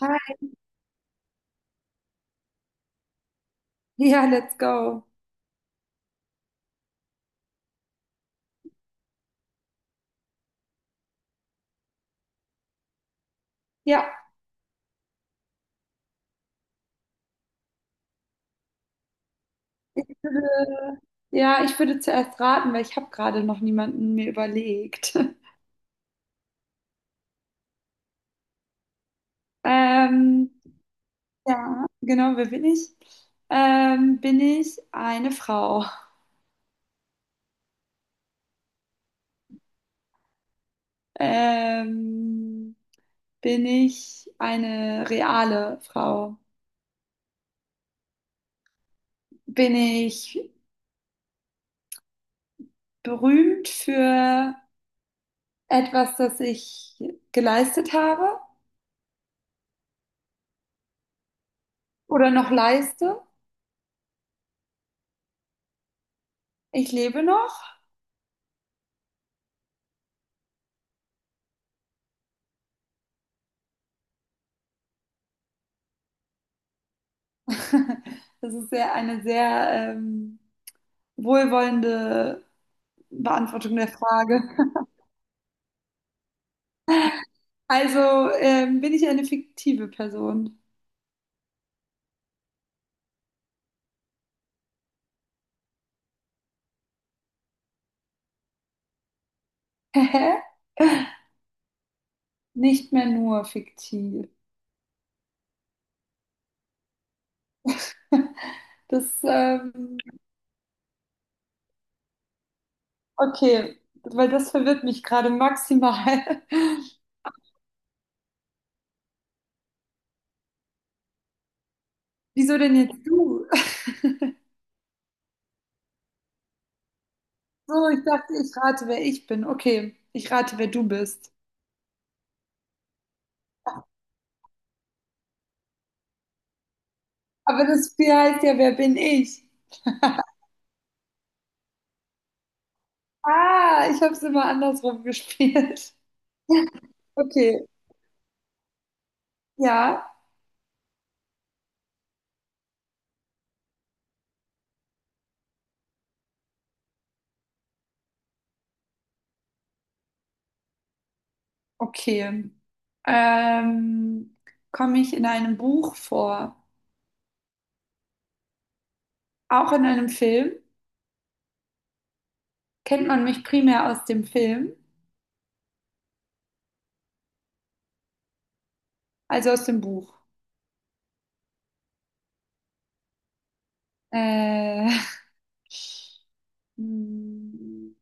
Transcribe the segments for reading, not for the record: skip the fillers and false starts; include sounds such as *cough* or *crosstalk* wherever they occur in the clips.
Hi. *laughs* Ja, let's go. Ja, ich würde- ja, ich würde zuerst raten, weil ich habe gerade noch niemanden mir überlegt. *laughs* Ähm, ja, genau, wer bin ich? Bin ich eine Frau? Ähm, Bin ich eine reale Frau? Bin ich berühmt für etwas, das ich geleistet habe oder noch leiste? Ich lebe noch. *laughs* Das ist sehr, eine sehr wohlwollende Beantwortung der Frage. *laughs* Also bin ich eine fiktive Person? Hä? Nicht mehr nur fiktiv. *laughs* Das, ähm, okay, weil das verwirrt mich gerade maximal. *laughs* Wieso denn jetzt du? *laughs* So, ich dachte, ich rate, wer ich bin. Okay, ich rate, wer du bist. Aber das Spiel heißt ja, wer bin ich? Ah, ich habe es immer andersrum gespielt. *laughs* Okay, ja. Okay. Ähm, Komme ich in einem Buch vor? Auch in einem Film? Kennt man mich primär aus dem Film, also aus dem Buch? Äh, *laughs* hm,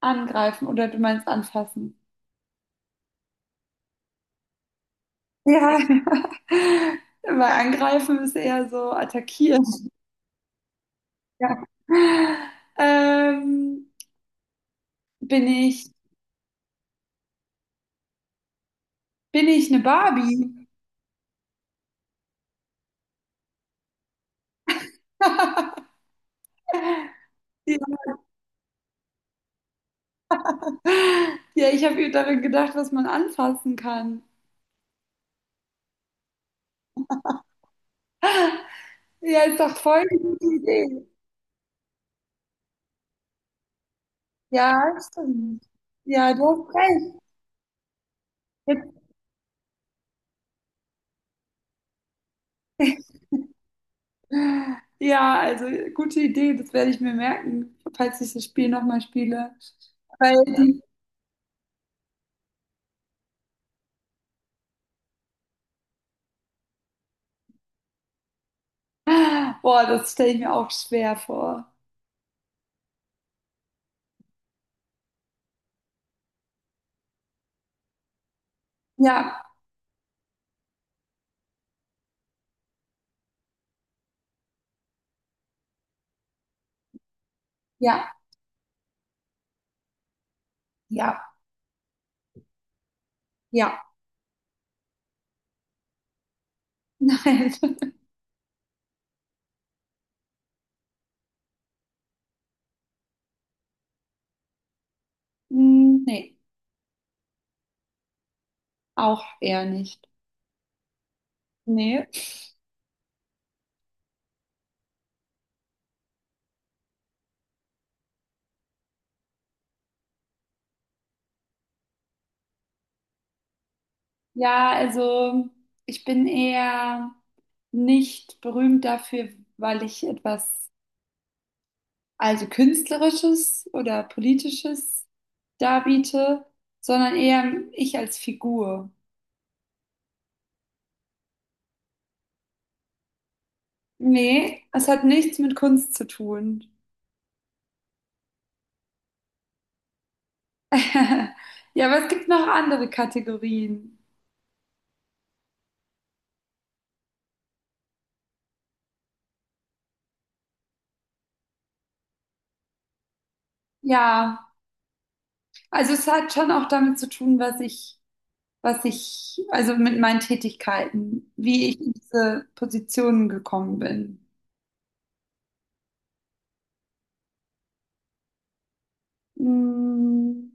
angreifen oder du meinst anfassen? Ja, *laughs* weil angreifen ist eher so attackieren. *laughs* Ja. Ähm, bin ich, Bin ich eine Barbie? *laughs* *laughs* Ja, ich habe daran gedacht, was man anfassen kann. Ja, ist doch voll die gute Idee. Ja, stimmt. Ja, du hast recht. Jetzt, *laughs* ja, also gute Idee, das werde ich mir merken, falls ich das Spiel nochmal spiele. Weil die, *laughs* boah, das stelle ich mir auch schwer vor. Ja, ja, ja, ja. Nein. *laughs* Hm, nee, auch eher nicht. Nee. Ja, also ich bin eher nicht berühmt dafür, weil ich etwas, also Künstlerisches oder Politisches darbiete, sondern eher ich als Figur. Nee, es hat nichts mit Kunst zu tun. *laughs* Ja, aber es gibt noch andere Kategorien. Ja, also es hat schon auch damit zu tun, was ich, also mit meinen Tätigkeiten, wie ich in diese Positionen gekommen bin. Hm,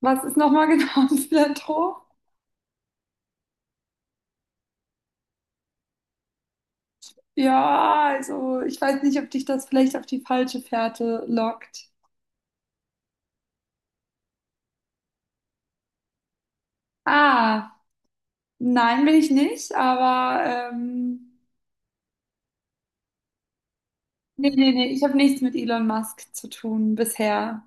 was ist nochmal *laughs* genau ein Philanthrop? Ja, also ich weiß nicht, ob dich das vielleicht auf die falsche Fährte lockt. Ah, nein, bin ich nicht, aber ähm, nee, nee, nee, ich habe nichts mit Elon Musk zu tun bisher.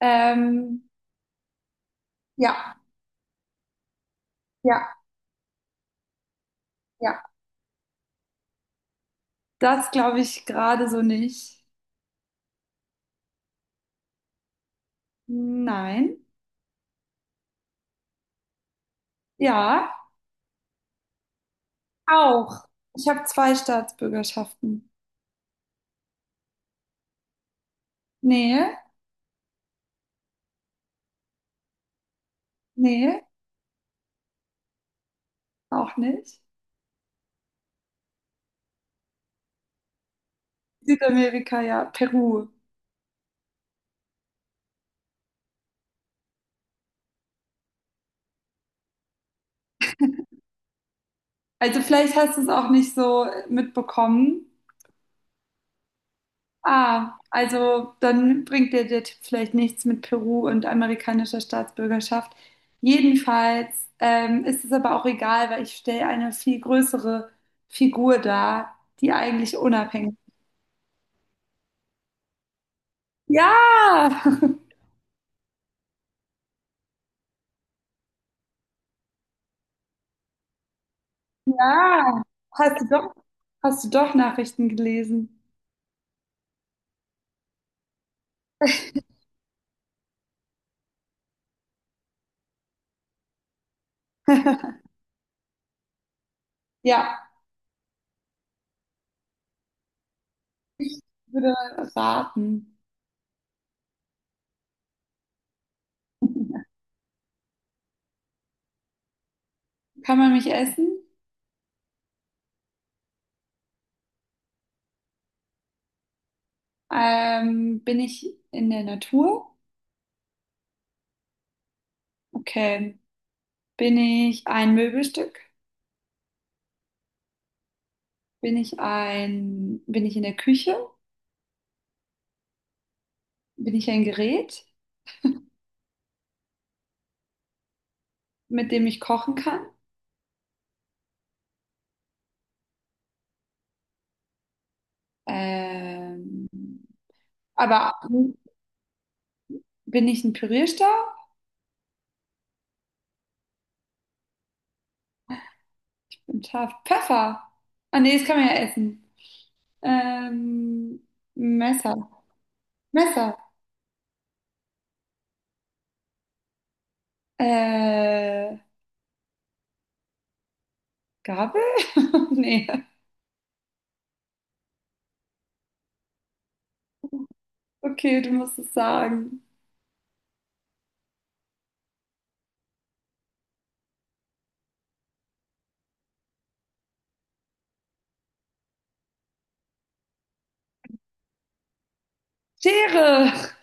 Ähm, ja, ja, ja. Das glaube ich gerade so nicht. Nein. Ja, auch. Ich habe zwei Staatsbürgerschaften. Nee, nee, auch nicht. Südamerika, ja, Peru. Also vielleicht hast du es auch nicht so mitbekommen. Ah, also dann bringt dir der Tipp vielleicht nichts mit Peru und amerikanischer Staatsbürgerschaft. Jedenfalls ist es aber auch egal, weil ich stelle eine viel größere Figur dar, die eigentlich unabhängig ist. Ja, *laughs* ja. Hast du doch, hast du doch Nachrichten gelesen? Ja, ich würde raten. Kann man mich essen? Bin ich in der Natur? Okay. Bin ich ein Möbelstück? Bin ich in der Küche? Bin ich ein Gerät, mit dem ich kochen kann? Ähm, aber bin ich ein Pürierstab? Ein Taf Pfeffer? Ah nee, das kann man ja essen. Ähm, Messer. Messer. Äh, Gabel? *laughs* Nee. Okay, du musst es sagen. Schere!